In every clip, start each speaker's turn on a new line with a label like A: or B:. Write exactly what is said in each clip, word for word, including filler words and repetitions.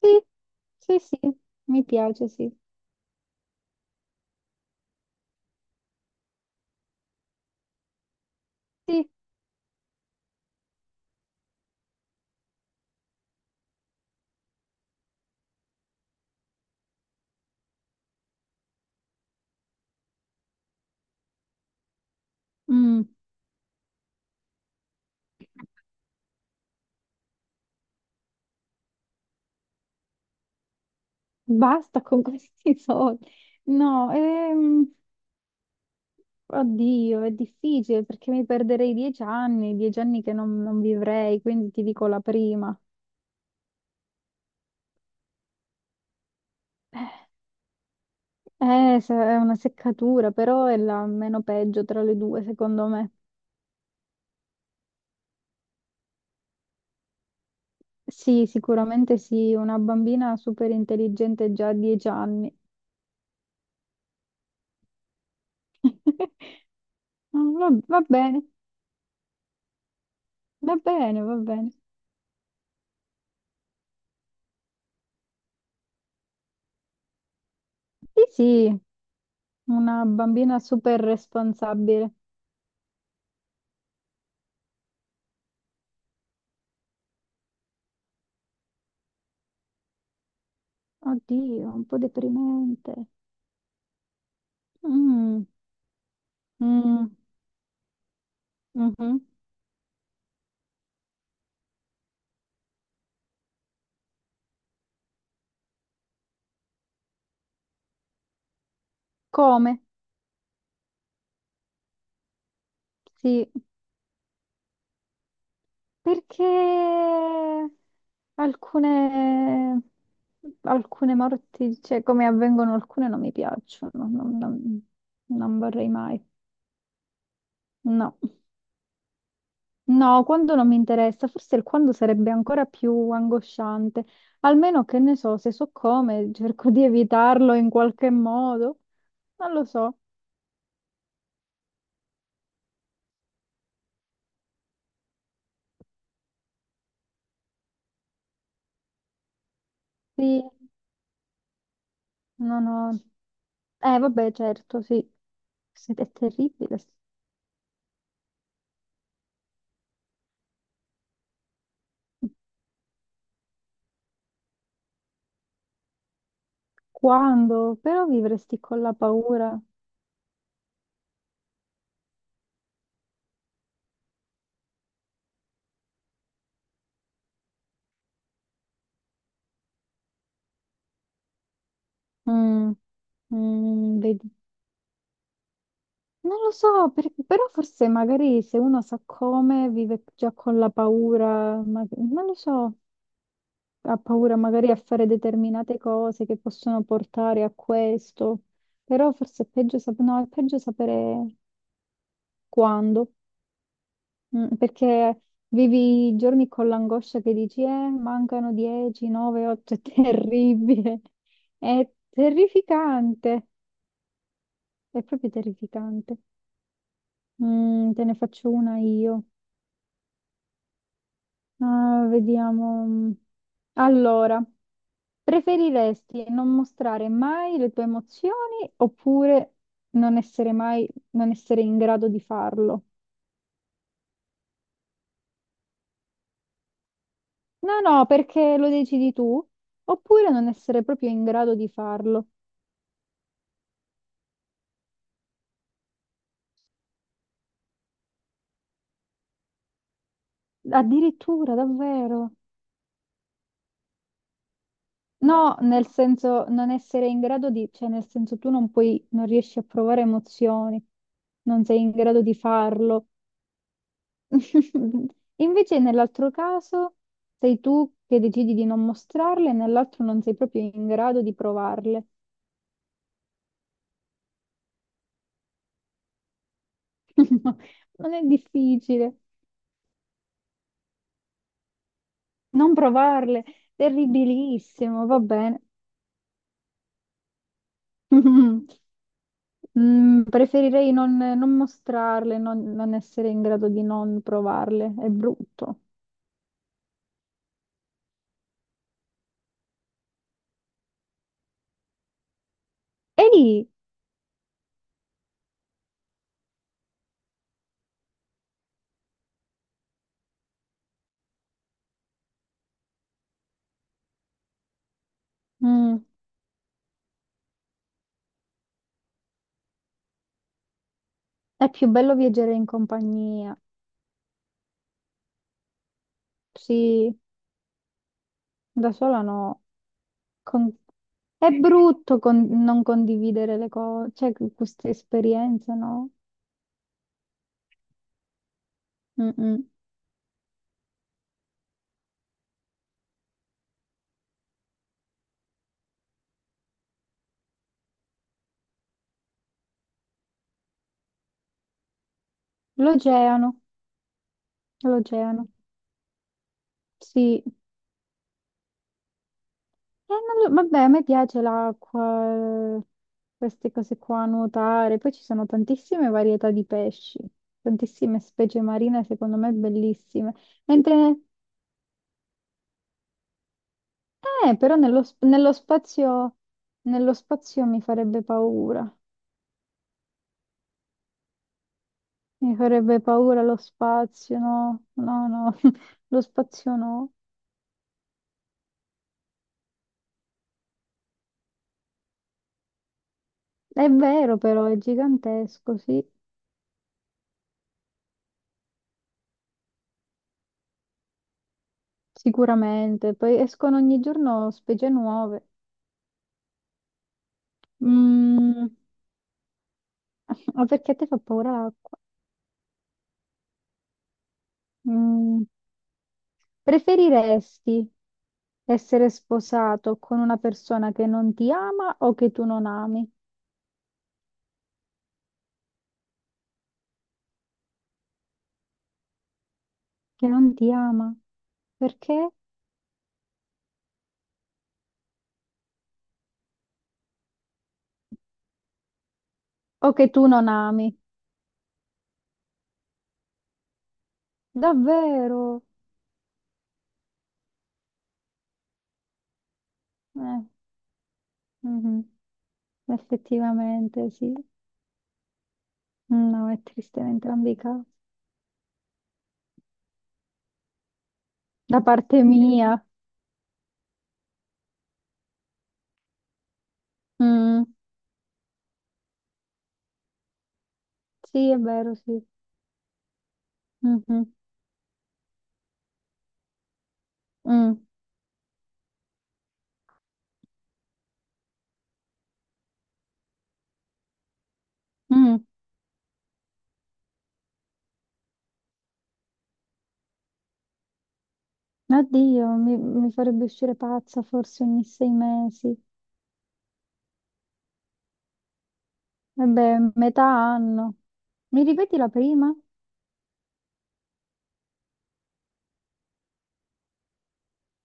A: Sì, sì, sì, mi piace, sì. Sì, mm, basta con questi soldi. No, ehm, oddio, è difficile perché mi perderei dieci anni, dieci anni che non, non vivrei, quindi ti dico la prima. Eh, se- è una seccatura, però è la meno peggio tra le due, secondo me. Sì, sicuramente sì, una bambina super intelligente già a dieci anni. Va, va bene, va bene, va bene. Sì, sì, una bambina super responsabile. Oddio, un po' deprimente. Mm, mm, mhm. Come? Sì, perché alcune, alcune morti, cioè come avvengono alcune, non mi piacciono, non, non- non vorrei mai. No. No, quando non mi interessa, forse il quando sarebbe ancora più angosciante. Almeno che ne so, se so come, cerco di evitarlo in qualche modo. Non lo so. Sì, no, no. Eh, vabbè, certo, sì. Se- È terribile. Quando? Però vivresti con la paura. Mm, mm, vedi. Non lo so, per- però forse magari se uno sa come vive già con la paura, ma- non lo so. Ha paura magari a fare determinate cose che possono portare a questo, però forse è peggio, sap- no, è peggio sapere quando. Mm, perché vivi i giorni con l'angoscia che dici, eh, mancano dieci, nove, otto, è terribile, è terrificante, è proprio terrificante. Mm, te ne faccio una io. Ah, vediamo. Allora, preferiresti non mostrare mai le tue emozioni oppure non essere mai, non essere in grado di farlo? No, no, perché lo decidi tu, oppure non essere proprio in grado di farlo. Addirittura, davvero. No, nel senso non essere in grado di, cioè nel senso tu non puoi, non riesci a provare emozioni, non sei in grado di farlo. Invece nell'altro caso sei tu che decidi di non mostrarle e nell'altro non sei proprio in grado di provarle. Non è difficile. Non provarle, terribilissimo, va bene. Mm, preferirei non, non mostrarle, non, non essere in grado di non provarle, è brutto. E lì, mm, è più bello viaggiare in compagnia. Sì, da sola no. Con- È brutto con- non condividere le cose, cioè que- queste esperienze, no? Mm-mm. L'oceano, l'oceano, sì. Eh, non lo- vabbè, a me piace l'acqua, eh, queste cose qua, nuotare. Poi ci sono tantissime varietà di pesci, tantissime specie marine, secondo me bellissime. Mentre, eh, però nello, sp- nello spazio, nello spazio mi farebbe paura. Mi farebbe paura lo spazio, no, no, no, lo spazio no. È vero però, è gigantesco, sì, sicuramente. Poi escono ogni giorno specie nuove. Mm, ma perché a te fa paura l'acqua? Mm, preferiresti essere sposato con una persona che non ti ama o che tu non ami? Che non ti ama? Perché? O che tu non ami? Davvero? Eh, mhm. Effettivamente, sì. Mm, no, è triste in entrambi i casi. Da parte mia. Mm, sì, è vero, sì. Mhm, mm, mm. Oddio, mi, mi farebbe uscire pazza forse ogni sei mesi. Vabbè, metà anno. Mi ripeti la prima?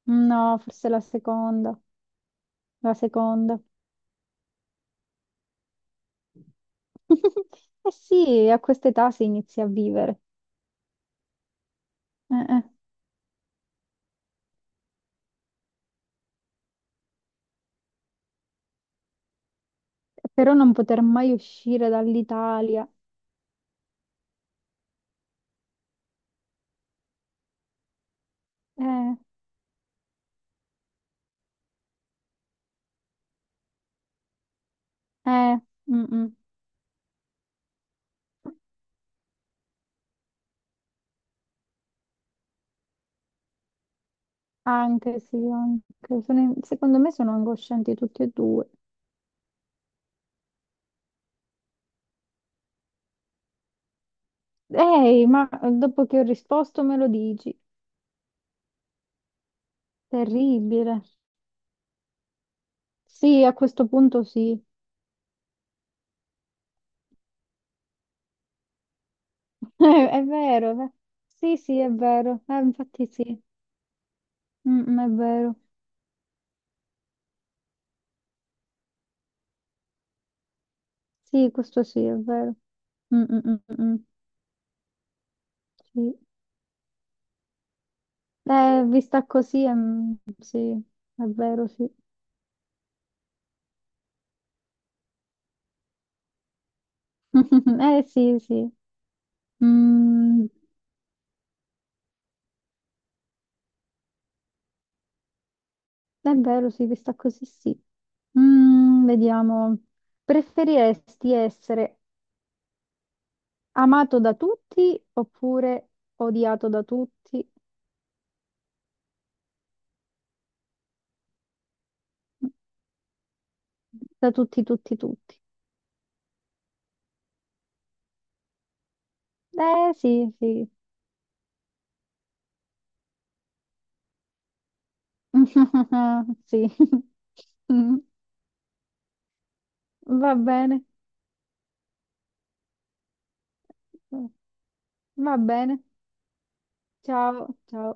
A: No, forse la seconda. La seconda. Eh sì, a questa età si inizia a vivere. Eh, eh. Però non poter mai uscire dall'Italia. Eh, eh, mm, mm. Anche sì, anche. Sono in- Secondo me sono angoscianti tutti e due. Ehi, ma eh, dopo che ho risposto me lo dici. Terribile. Sì, a questo punto sì. È, è vero, è ve- Sì, sì, è vero. Eh, infatti sì. Mm, è vero. Sì, questo sì, è vero. Mm, mm, mm, mm. Sì. Eh, vista così, è- sì, è vero, sì. Eh sì, sì. Mm. È vero, sì, questa così sì. Mm, vediamo. Preferiresti essere amato da tutti oppure odiato da tutti? Da tutti, tutti, tutti. Eh sì, sì. Sì. Mm, va bene. Va bene. Ciao, ciao.